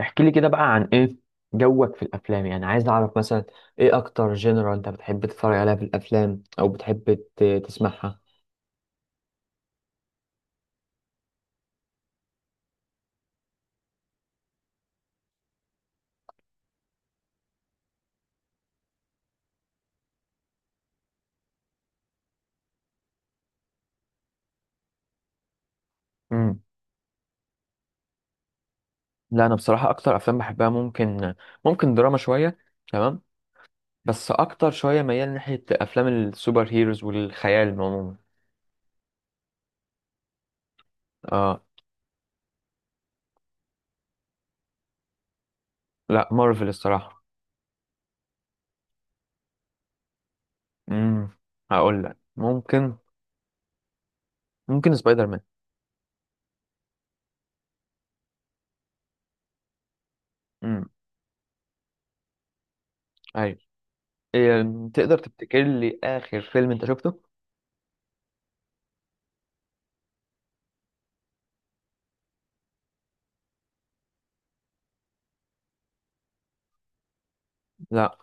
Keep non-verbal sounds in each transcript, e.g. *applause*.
احكي لي كده بقى عن ايه جوك في الافلام، يعني عايز اعرف مثلا ايه اكتر جنرال انت بتحب تتفرج عليها في الافلام، او بتحب تسمعها؟ امم لا، انا بصراحه اكتر افلام بحبها ممكن دراما شويه، تمام. بس اكتر شويه ميال ناحيه افلام السوبر هيروز والخيال عموما. اه، لا مارفل الصراحه. امم هقول لك ممكن سبايدر مان. امم ايوه. إيه، تقدر تفتكر لي اخر فيلم انت شفته؟ لا،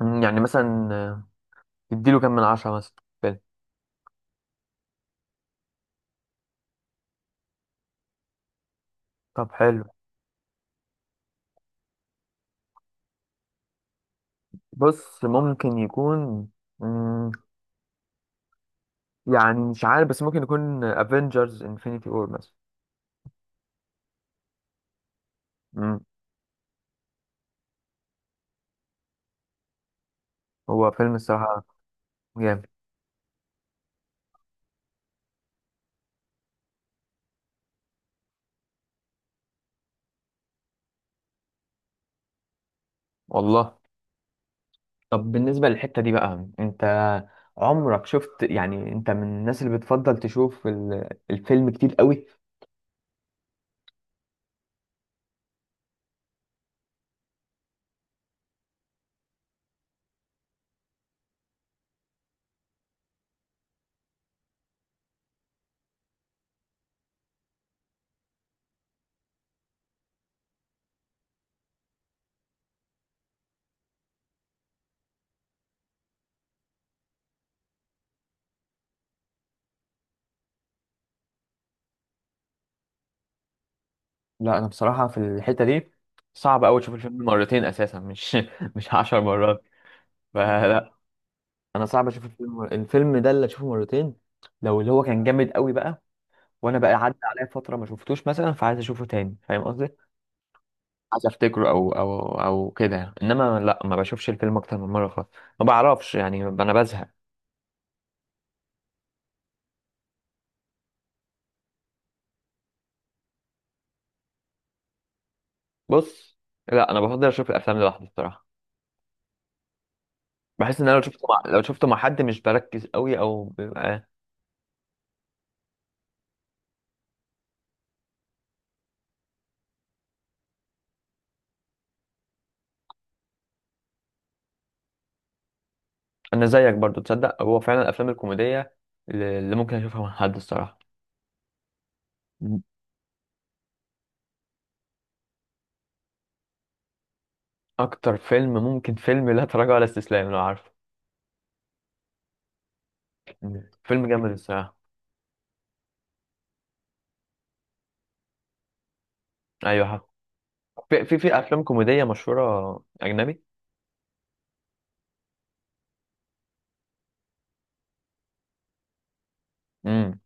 يعني مثلا اديله كام من 10 مثلا، فيلم؟ طب حلو. بص ممكن يكون، مم، يعني مش عارف، بس ممكن يكون افنجرز انفينيتي وور مثلا. مم، هو فيلم الصراحة جامد، والله. طب بالنسبة للحتة دي بقى، انت عمرك شفت، يعني انت من الناس اللي بتفضل تشوف الفيلم كتير قوي؟ لا، انا بصراحة في الحتة دي صعب قوي اشوف الفيلم مرتين اساسا، مش *laughs* مش 10 مرات. فلا، انا صعب اشوف الفيلم، ده اللي اشوفه مرتين. لو اللي هو كان جامد قوي بقى، وانا بقى عدى عليا فتره ما شفتوش مثلا، فعايز اشوفه تاني، فاهم قصدي؟ عايز افتكره، او كده يعني. انما لا، ما بشوفش الفيلم اكتر من مره خالص، ما بعرفش يعني، انا بزهق. بص، لا انا بفضل اشوف الافلام لوحدي الصراحه. بحس ان انا لو شفته مع حد مش بركز قوي او بيبقى. انا زيك برضو، تصدق هو فعلا الافلام الكوميديه اللي ممكن اشوفها مع حد الصراحه. م- اكتر فيلم ممكن فيلم لا تراجع ولا استسلام، لو عارفه. فيلم جامد الصراحه. ايوه حق. في افلام كوميديه مشهوره اجنبي؟ امم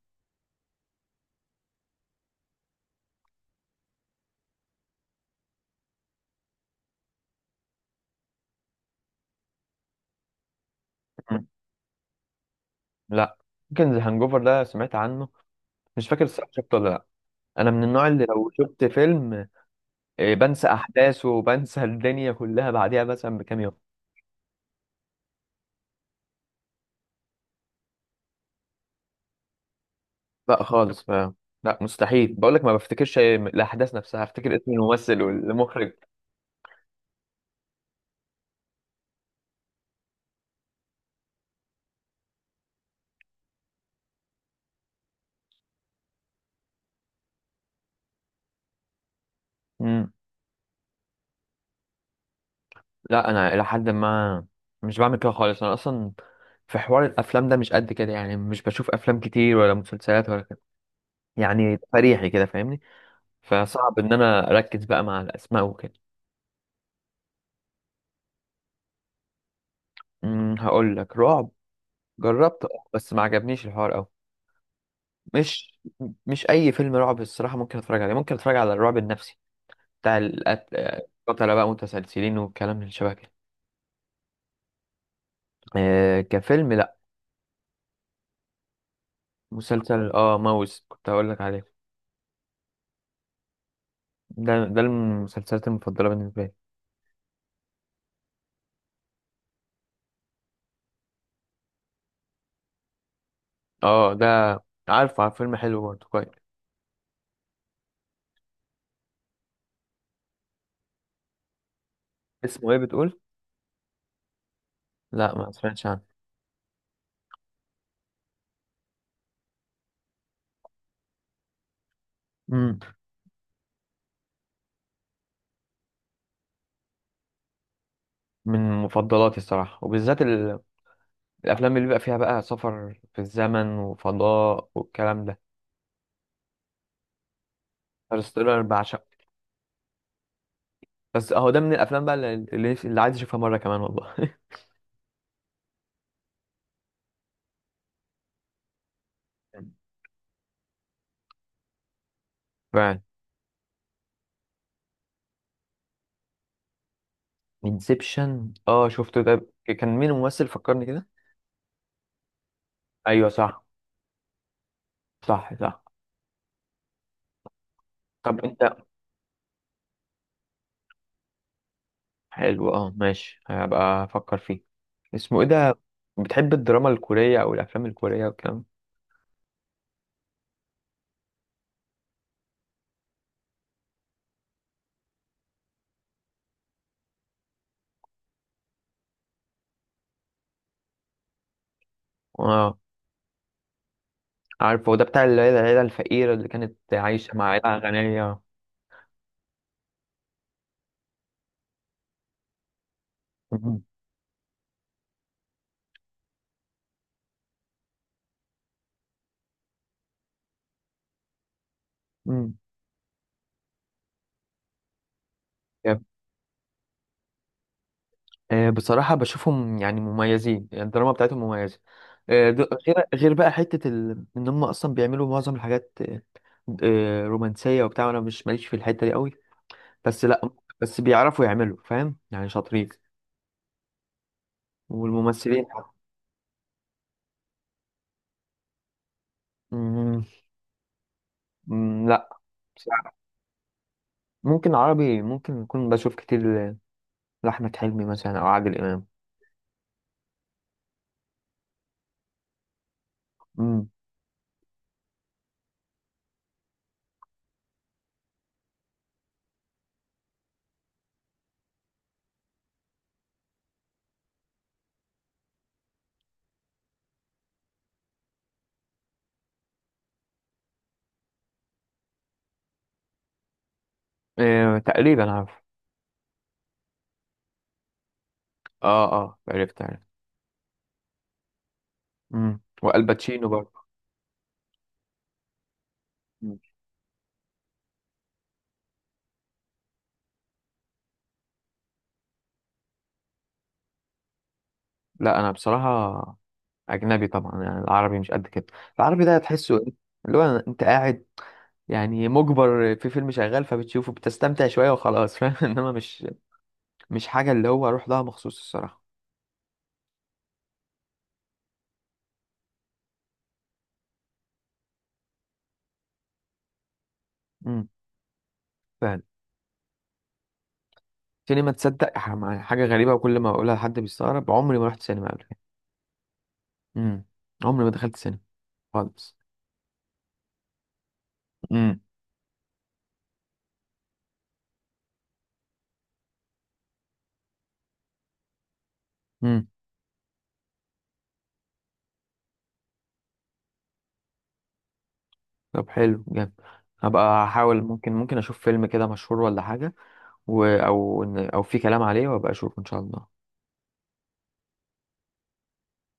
لا، يمكن ذا هانجوفر ده سمعت عنه، مش فاكر الصراحه شفته ولا لا. انا من النوع اللي لو شفت فيلم بنسى احداثه، وبنسى *laughs* الدنيا كلها بعديها مثلا بكام يوم. لا خالص، لا مستحيل، بقول لك ما بفتكرش الاحداث نفسها، افتكر اسم الممثل والمخرج. امم لا، انا الى حد ما مش بعمل كده خالص، انا اصلا في حوار الافلام ده مش قد كده، يعني مش بشوف افلام كتير ولا مسلسلات ولا كده، يعني فريحي كده، فاهمني، فصعب ان انا اركز بقى مع الاسماء وكده. هقول لك، رعب. جربت، بس ما عجبنيش الحوار قوي. مش مش اي فيلم رعب الصراحه ممكن اتفرج عليه، ممكن اتفرج على الرعب النفسي، بتاع القتل، قتله بقى متسلسلين، والكلام اللي شبه كده. آه، كفيلم لا. مسلسل ماوس كنت هقول لك عليه. ده المسلسلات المفضله بالنسبه لي. اه ده، عارف، فيلم حلو برضه كويس. اسمه ايه بتقول؟ لا، ما سمعتش عنه. مم. من مفضلاتي الصراحه، وبالذات الافلام اللي بيبقى فيها بقى سفر في الزمن وفضاء والكلام ده. انترستيلر بعشق. بس اهو ده من الافلام بقى اللي عايز اشوفها مره كمان، والله *laughs* فعلا. انسبشن، شفته، ده كان مين الممثل؟ فكرني كده. ايوه، صح، صح، صح. طب انت، حلو، ماشي، هبقى افكر فيه. اسمه ايه ده؟ بتحب الدراما الكوريه او الافلام الكوريه والكلام؟ اه، عارف هو ده بتاع العيله، الفقيره اللي كانت عايشه مع عيله غنيه. *laughs* مم. مم. آه، بصراحة بشوفهم يعني مميزين، يعني الدراما بتاعتهم مميزة. آه، د- غير بقى حتة إن هم أصلا بيعملوا معظم الحاجات، رومانسية وبتاع، أنا مش ماليش في الحتة دي قوي، بس لأ. بس بيعرفوا يعملوا، فاهم يعني، شاطرين والممثلين. مم، مم، لأ بصراحة. ممكن عربي، ممكن أكون بشوف كتير لأحمد حلمي مثلا، أو عادل إمام. مم. آه، تقريبا عارف. اه، اه، عرفت، عرفت. مم. والباتشينو برضه. مم. لأ، أنا بصراحة اجنبي طبعا، يعني العربي مش قد كده. العربي ده تحسه إيه؟ اللي هو انت قاعد، يعني مجبر في فيلم شغال فبتشوفه، بتستمتع شويه وخلاص، فاهم *laughs* انما مش حاجه اللي هو اروح لها مخصوص الصراحه. امم فعلا. سينما، تصدق حاجه غريبه، وكل ما اقولها لحد بيستغرب، عمري ما رحت سينما قبل كده. امم عمري ما دخلت سينما خالص. امم امم طب حلو جامد، هبقى احاول، ممكن اشوف فيلم كده مشهور ولا حاجه، او في كلام عليه، وابقى اشوف ان شاء الله.